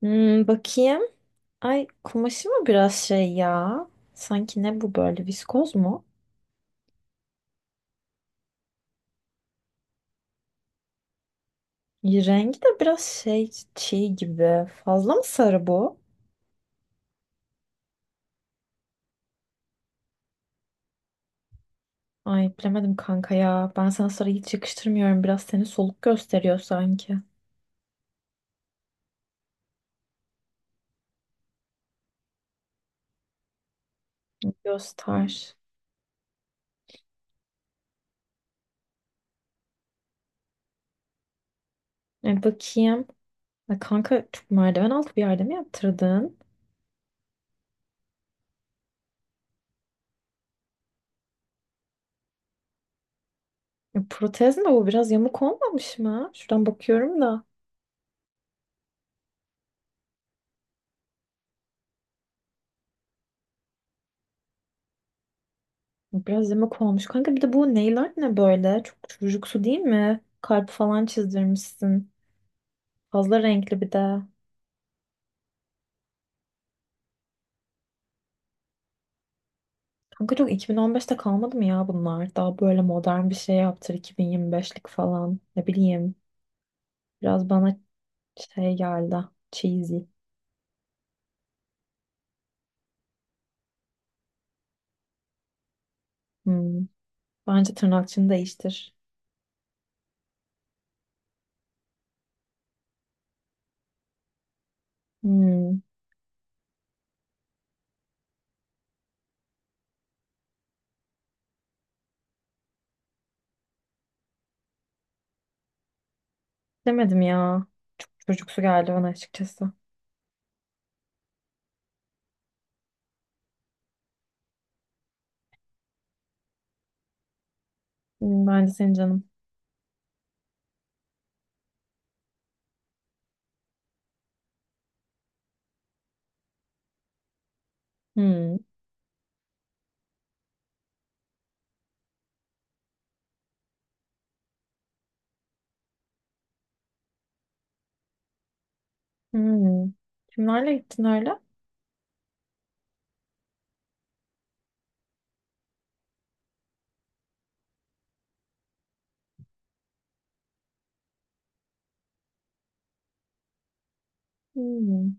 Hmm, bakayım. Ay, kumaşı mı biraz şey ya? Sanki ne bu böyle viskoz mu? Rengi de biraz şey çiğ gibi. Fazla mı sarı bu? Ay, bilemedim kanka ya. Ben sana sarı hiç yakıştırmıyorum. Biraz seni soluk gösteriyor sanki. Göster. Bakayım. Ay, kanka çok merdiven altı bir yerde mi yaptırdın? Protez mi bu? Biraz yamuk olmamış mı? Şuradan bakıyorum da. Biraz yemek olmuş. Kanka bir de bu nail art ne böyle? Çok çocuksu değil mi? Kalp falan çizdirmişsin. Fazla renkli bir de. Kanka çok 2015'te kalmadı mı ya bunlar? Daha böyle modern bir şey yaptır 2025'lik falan. Ne bileyim. Biraz bana şey geldi. Cheesy. Hmm. Bence tırnakçını değiştir. Hmm. Demedim ya. Çocuksu geldi bana açıkçası. Hmm, ben de senin canım. Hmm. Hmm. Kimlerle gittin öyle? Hmm.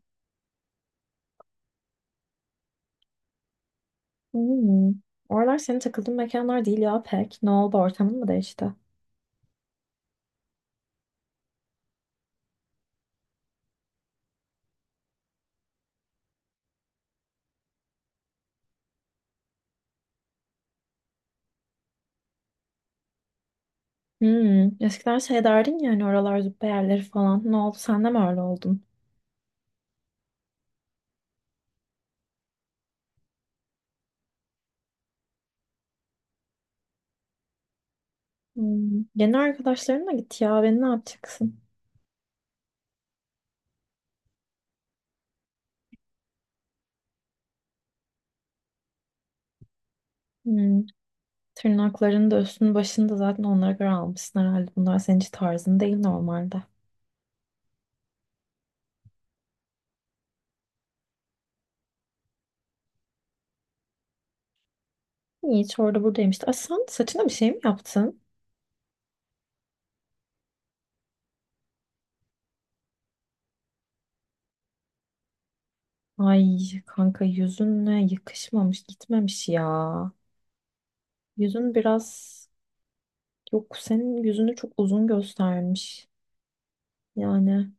Hmm. Oralar senin takıldığın mekanlar değil ya pek. Ne oldu, ortamın mı değişti? Hmm. Eskiden şey derdin ya hani, oralar züppe yerleri falan. Ne oldu, sen de mi öyle oldun? Hmm. Yeni arkadaşlarınla git ya, beni ne yapacaksın? Hmm. Tırnaklarını da üstünü başını da zaten onlara göre almışsın herhalde. Bunlar senin hiç tarzın değil normalde. Hiç orada buradayım işte. Ay, sen saçına bir şey mi yaptın? Ay kanka, yüzünle yakışmamış, gitmemiş ya. Yüzün biraz, yok senin yüzünü çok uzun göstermiş. Yani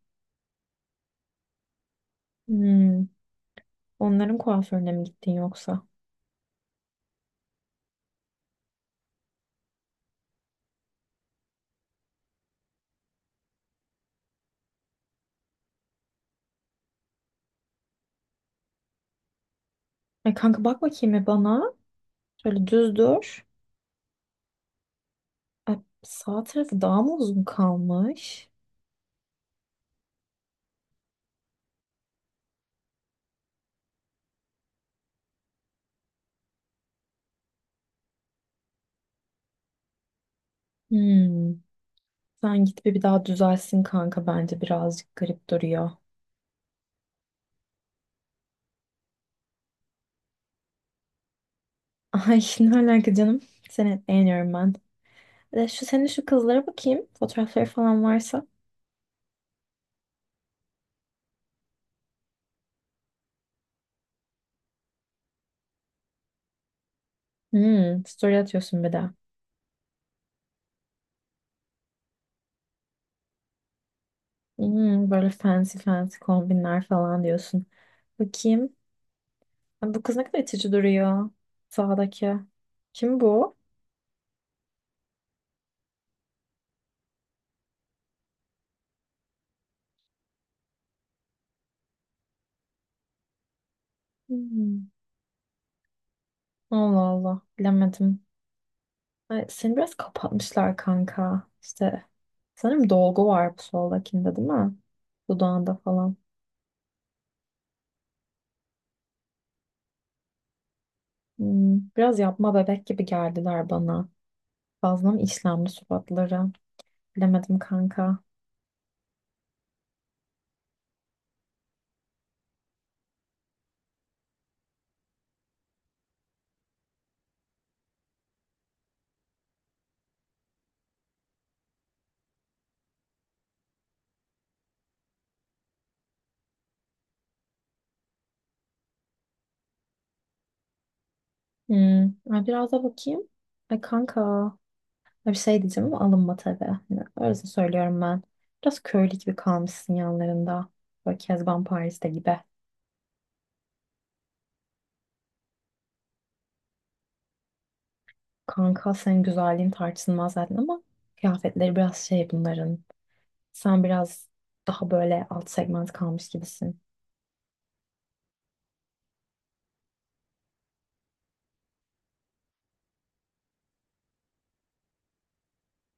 hmm, onların kuaförüne mi gittin yoksa? Ay kanka, bak bakayım bir bana. Şöyle düz dur. Ay, sağ tarafı daha mı uzun kalmış? Hmm, sen git bir daha düzelsin kanka, bence birazcık garip duruyor. Ay ne alaka canım. Seni beğeniyorum ben. Şu senin şu kızlara bakayım. Fotoğrafları falan varsa. Hmm, story atıyorsun bir de. Hmm, böyle fancy fancy kombinler falan diyorsun. Bakayım. Ay, bu kız ne kadar itici duruyor. Sağdaki. Kim bu? Hmm. Allah Allah. Bilemedim. Ay, seni biraz kapatmışlar kanka. İşte sanırım dolgu var bu soldakinde, değil mi? Dudağında falan. Hmm, biraz yapma bebek gibi geldiler bana. Fazla mı işlemli suratları? Bilemedim kanka. Hmm. Ay, biraz da bakayım. Ay kanka. Ay, bir şey diyeceğim ama alınma tabii. Hani öylesine söylüyorum ben. Biraz köylü gibi kalmışsın yanlarında. Böyle Kezban Paris'te gibi. Kanka senin güzelliğin tartışılmaz zaten ama kıyafetleri biraz şey bunların. Sen biraz daha böyle alt segment kalmış gibisin.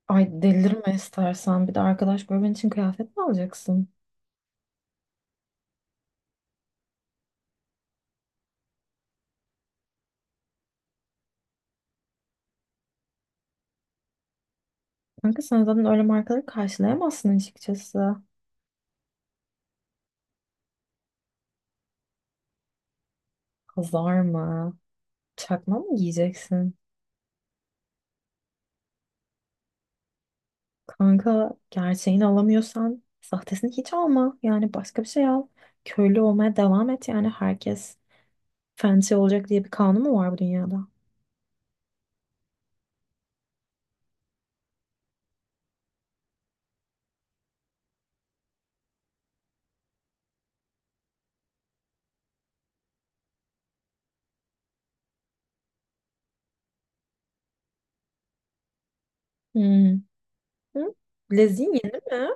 Ay, delirme istersen. Bir de arkadaş bölmen için kıyafet mi alacaksın? Kanka sen zaten öyle markaları karşılayamazsın açıkçası. Hazar mı? Çakma mı giyeceksin? Kanka, gerçeğini alamıyorsan sahtesini hiç alma. Yani başka bir şey al. Köylü olmaya devam et. Yani herkes fancy olacak diye bir kanun mu var bu dünyada? Hmm. Hı? Leziğin yeni mi?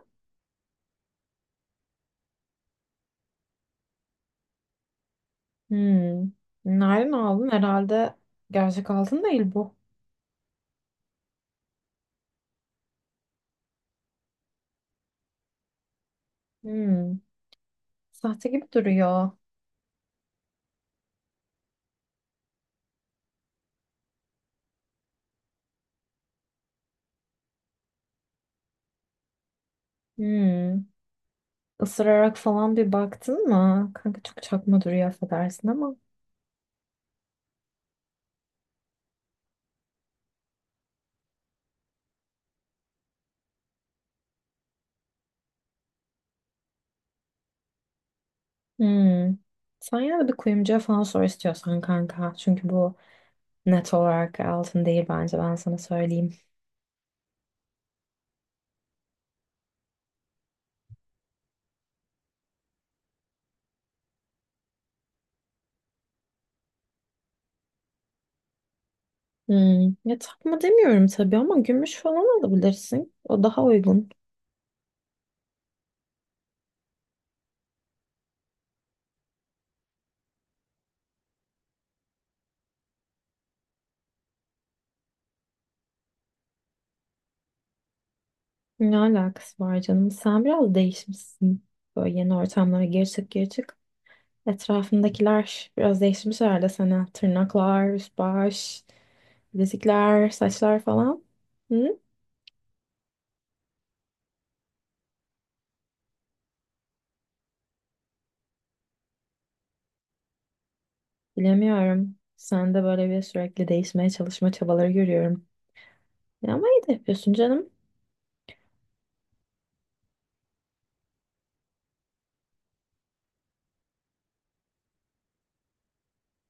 Hmm. Nereden aldın? Herhalde gerçek altın değil bu. Hmm. Sahte gibi duruyor. Hmm. Isırarak falan bir baktın mı? Kanka çok çakma duruyor, affedersin ama. Hmm. Sen yine de bir kuyumcuya falan sor istiyorsan kanka. Çünkü bu net olarak altın değil bence, ben sana söyleyeyim. Hmm. Ya takma demiyorum tabii ama gümüş falan alabilirsin. O daha uygun. Ne alakası var canım? Sen biraz değişmişsin. Böyle yeni ortamlara geri çık geri çık. Etrafındakiler biraz değişmiş herhalde sana. Tırnaklar, üst baş, bilezikler, saçlar falan. Bilemiyorum. Sen de böyle bir sürekli değişmeye çalışma çabaları görüyorum. Ya ama iyi de yapıyorsun canım.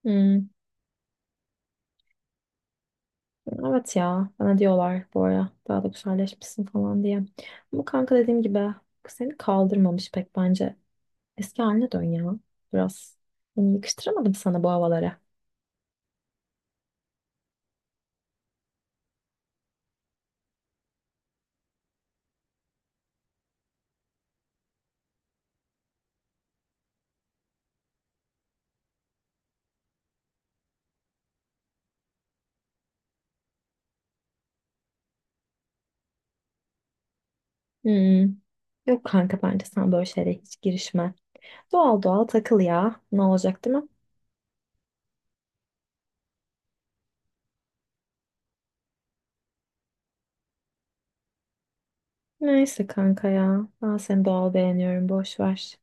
Hmm. Evet ya. Bana diyorlar bu ara daha da güzelleşmişsin falan diye. Ama kanka dediğim gibi, seni kaldırmamış pek bence. Eski haline dön ya. Biraz. Yani yakıştıramadım sana bu havalara. Hmm. Yok kanka, bence sen böyle şeylere hiç girişme. Doğal doğal takıl ya. Ne olacak, değil mi? Neyse kanka ya. Ben seni doğal beğeniyorum. Boş ver.